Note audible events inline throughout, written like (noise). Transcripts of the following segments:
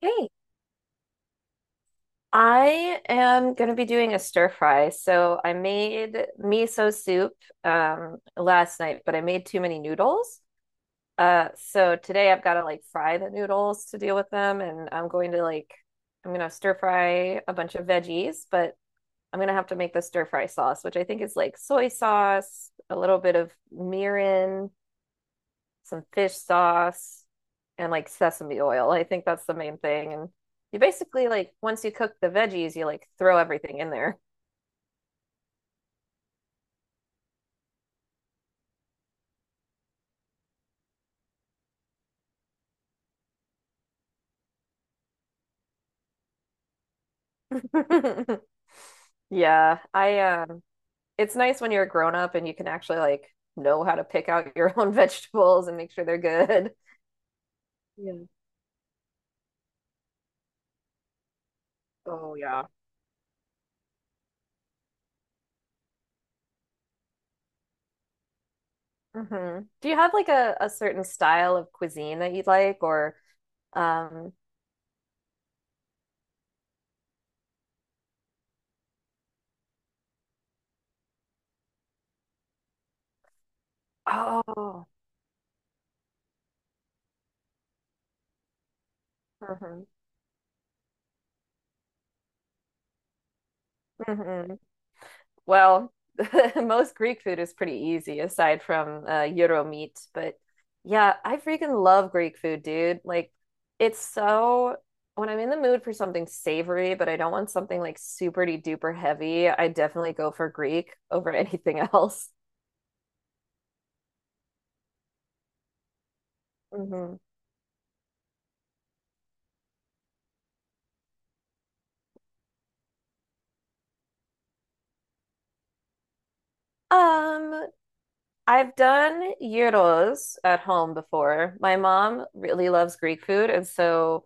Hey, I am going to be doing a stir fry. So I made miso soup last night, but I made too many noodles. So today I've got to like fry the noodles to deal with them, and I'm going to like I'm gonna stir fry a bunch of veggies, but I'm gonna have to make the stir fry sauce, which I think is like soy sauce, a little bit of mirin, some fish sauce, and like sesame oil. I think that's the main thing. And you basically like once you cook the veggies, you like throw everything in there. (laughs) Yeah, I. It's nice when you're a grown up and you can actually like know how to pick out your (laughs) own vegetables and make sure they're good. Yeah. Oh, yeah. Hmm. Do you have like a certain style of cuisine that you like or um oh. Mhm. Mhm. Well, (laughs) most Greek food is pretty easy aside from gyro meat, but yeah, I freaking love Greek food, dude. Like, it's so, when I'm in the mood for something savory, but I don't want something like super duper heavy, I definitely go for Greek over (laughs) anything else. Hmm. Um, I've done gyros at home before. My mom really loves Greek food, and so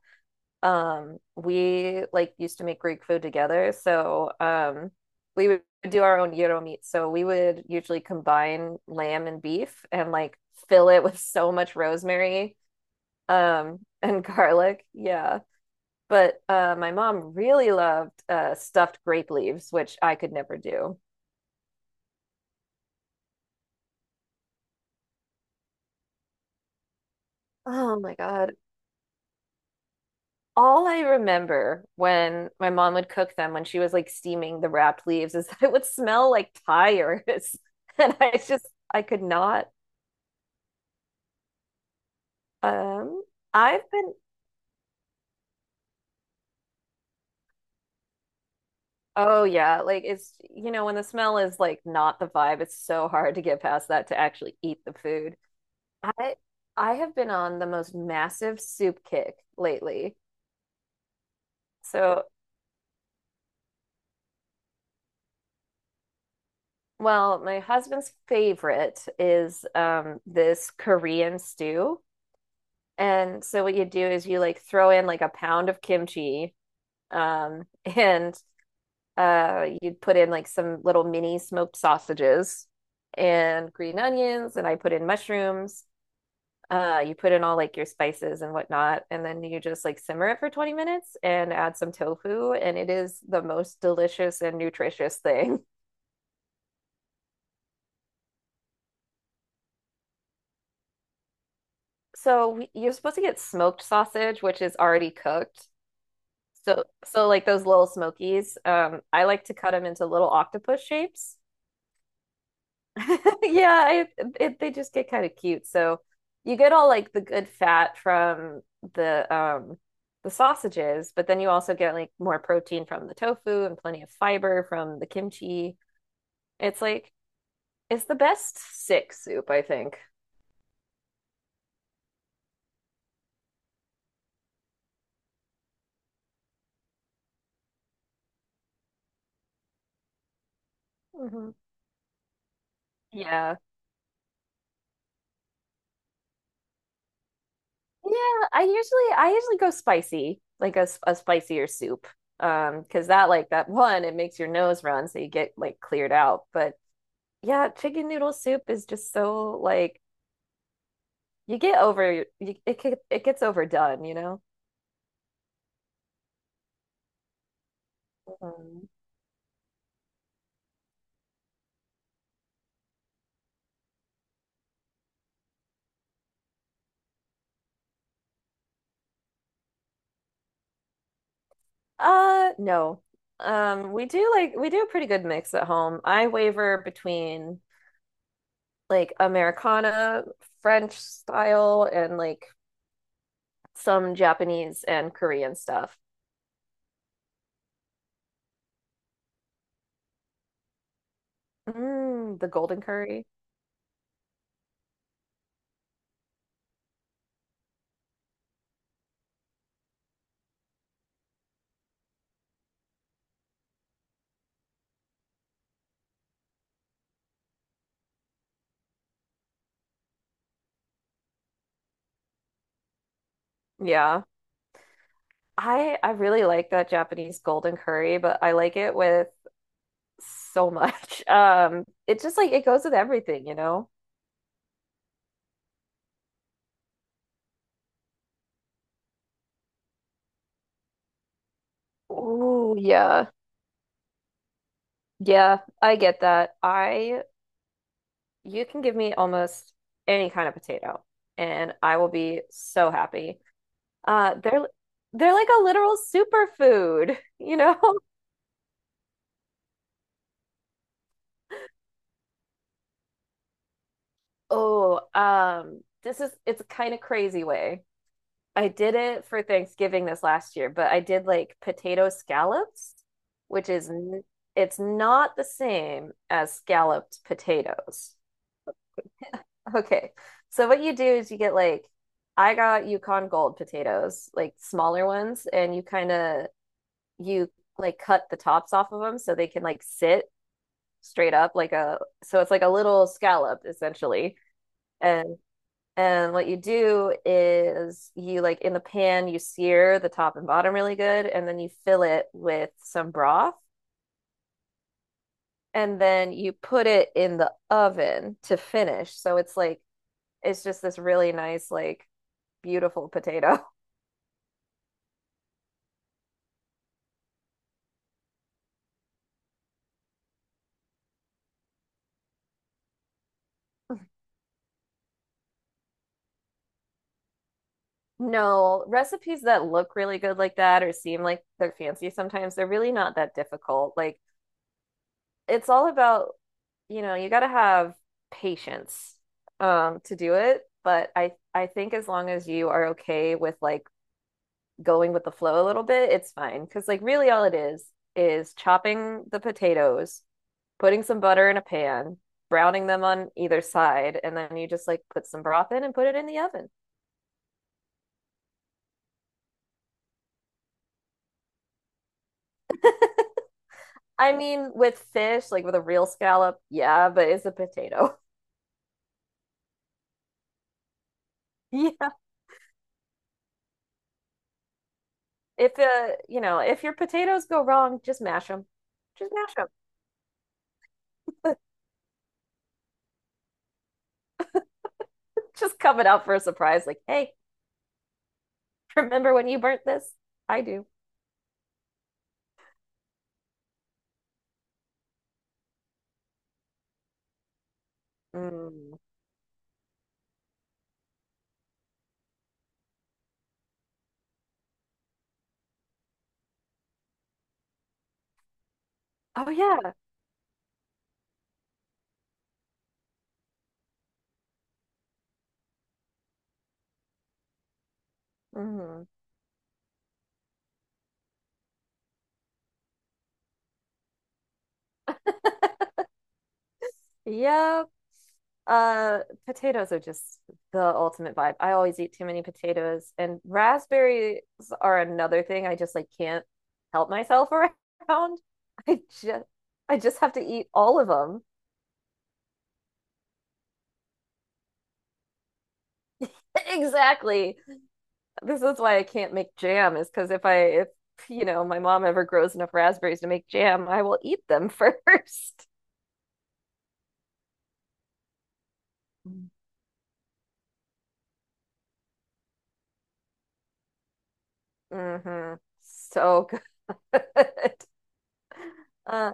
We like used to make Greek food together, so we would do our own gyro meat. So we would usually combine lamb and beef and like fill it with so much rosemary (laughs) and garlic. Yeah. But my mom really loved stuffed grape leaves, which I could never do. Oh my God. All I remember when my mom would cook them when she was like steaming the wrapped leaves is that it would smell like tires. (laughs) And I just I could not um I've been Oh yeah, like it's you know when the smell is like not the vibe, it's so hard to get past that to actually eat the food. I I have been on the most massive soup kick lately. So, well, my husband's favorite is this Korean stew. And so what you do is you like throw in like a pound of kimchi, um, (laughs) and you'd put in like some little mini smoked sausages and green onions, and I put in mushrooms. You put in all like your spices and whatnot, and then you just like simmer it for 20 minutes and add some tofu, and it is the most delicious and nutritious thing. (laughs) You're supposed to get smoked sausage, which is already cooked. So like those little smokies, I like to cut them into little octopus shapes. (laughs) Yeah, I, they just get kind of cute. So you get all like the good fat from the um the sausages, but then you also get like more protein from the tofu and plenty of fiber from the kimchi. It's like it's the best sick soup, I think. Hmm. Yeah. Yeah, I usually go spicy, like a spicier soup. Because that, like that one, it makes your nose run, so you get like cleared out. But yeah, chicken noodle soup is just so like you get over you, it get- it gets overdone, you know? Mhm. No. We do a pretty good mix at home. I waver between like Americana, French style, and like some Japanese and Korean stuff. Mm, the golden curry. Yeah. I really like that Japanese golden curry, but I like it with so much. (laughs) It just like it goes with everything, you know? Ooh, yeah. Yeah, I get that. I You can give me almost any kind of potato and I will be so happy. Uh, they're they're like a literal superfood, (laughs) you know? Oh, this is, it's a kind of crazy way. I did it for Thanksgiving this last year, but I did like potato scallops, which it's not the same as scalloped potatoes. (laughs) Okay. So what you do is you get like I got Yukon Gold potatoes, like smaller ones, and you kind of you like cut the tops off of them so they can like sit straight up like a so it's like a little scallop essentially. And And what you do is you like in the pan, you sear the top and bottom really good, and then you fill it with some broth, and then you put it in the oven to finish. So it's like it's just this really nice, like beautiful potato. (laughs) No, recipes that look really good like that or seem like they're fancy sometimes, they're really not that difficult. Like it's all about you know, you got to have patience to do it, but I think as long as you are okay with like going with the flow a little bit, it's fine. Because like really all it is chopping the potatoes, putting some butter in a pan, browning them on either side, and then you just like put some broth in and put it in the oven. I mean, with fish, like with a real scallop, yeah, but it's a potato. (laughs) Yeah. If you know, if your potatoes go wrong, just mash them. Just mash them. Just coming out for a surprise, like, hey, remember when you burnt this? I do. Mm. Oh yeah. Mm. Yeah. Uh, Potatoes are just the ultimate vibe. I always eat too many potatoes, and raspberries are another thing. I just like can't help myself (laughs) around. I just I just have to eat all of them. (laughs) Exactly. This is why I can't make jam, is because if you know my mom ever grows enough raspberries to make jam, I will eat them (laughs) first. Hmm. So good. (laughs) Uh,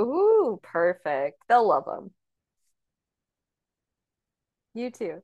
Ooh, perfect. They'll love them. You too.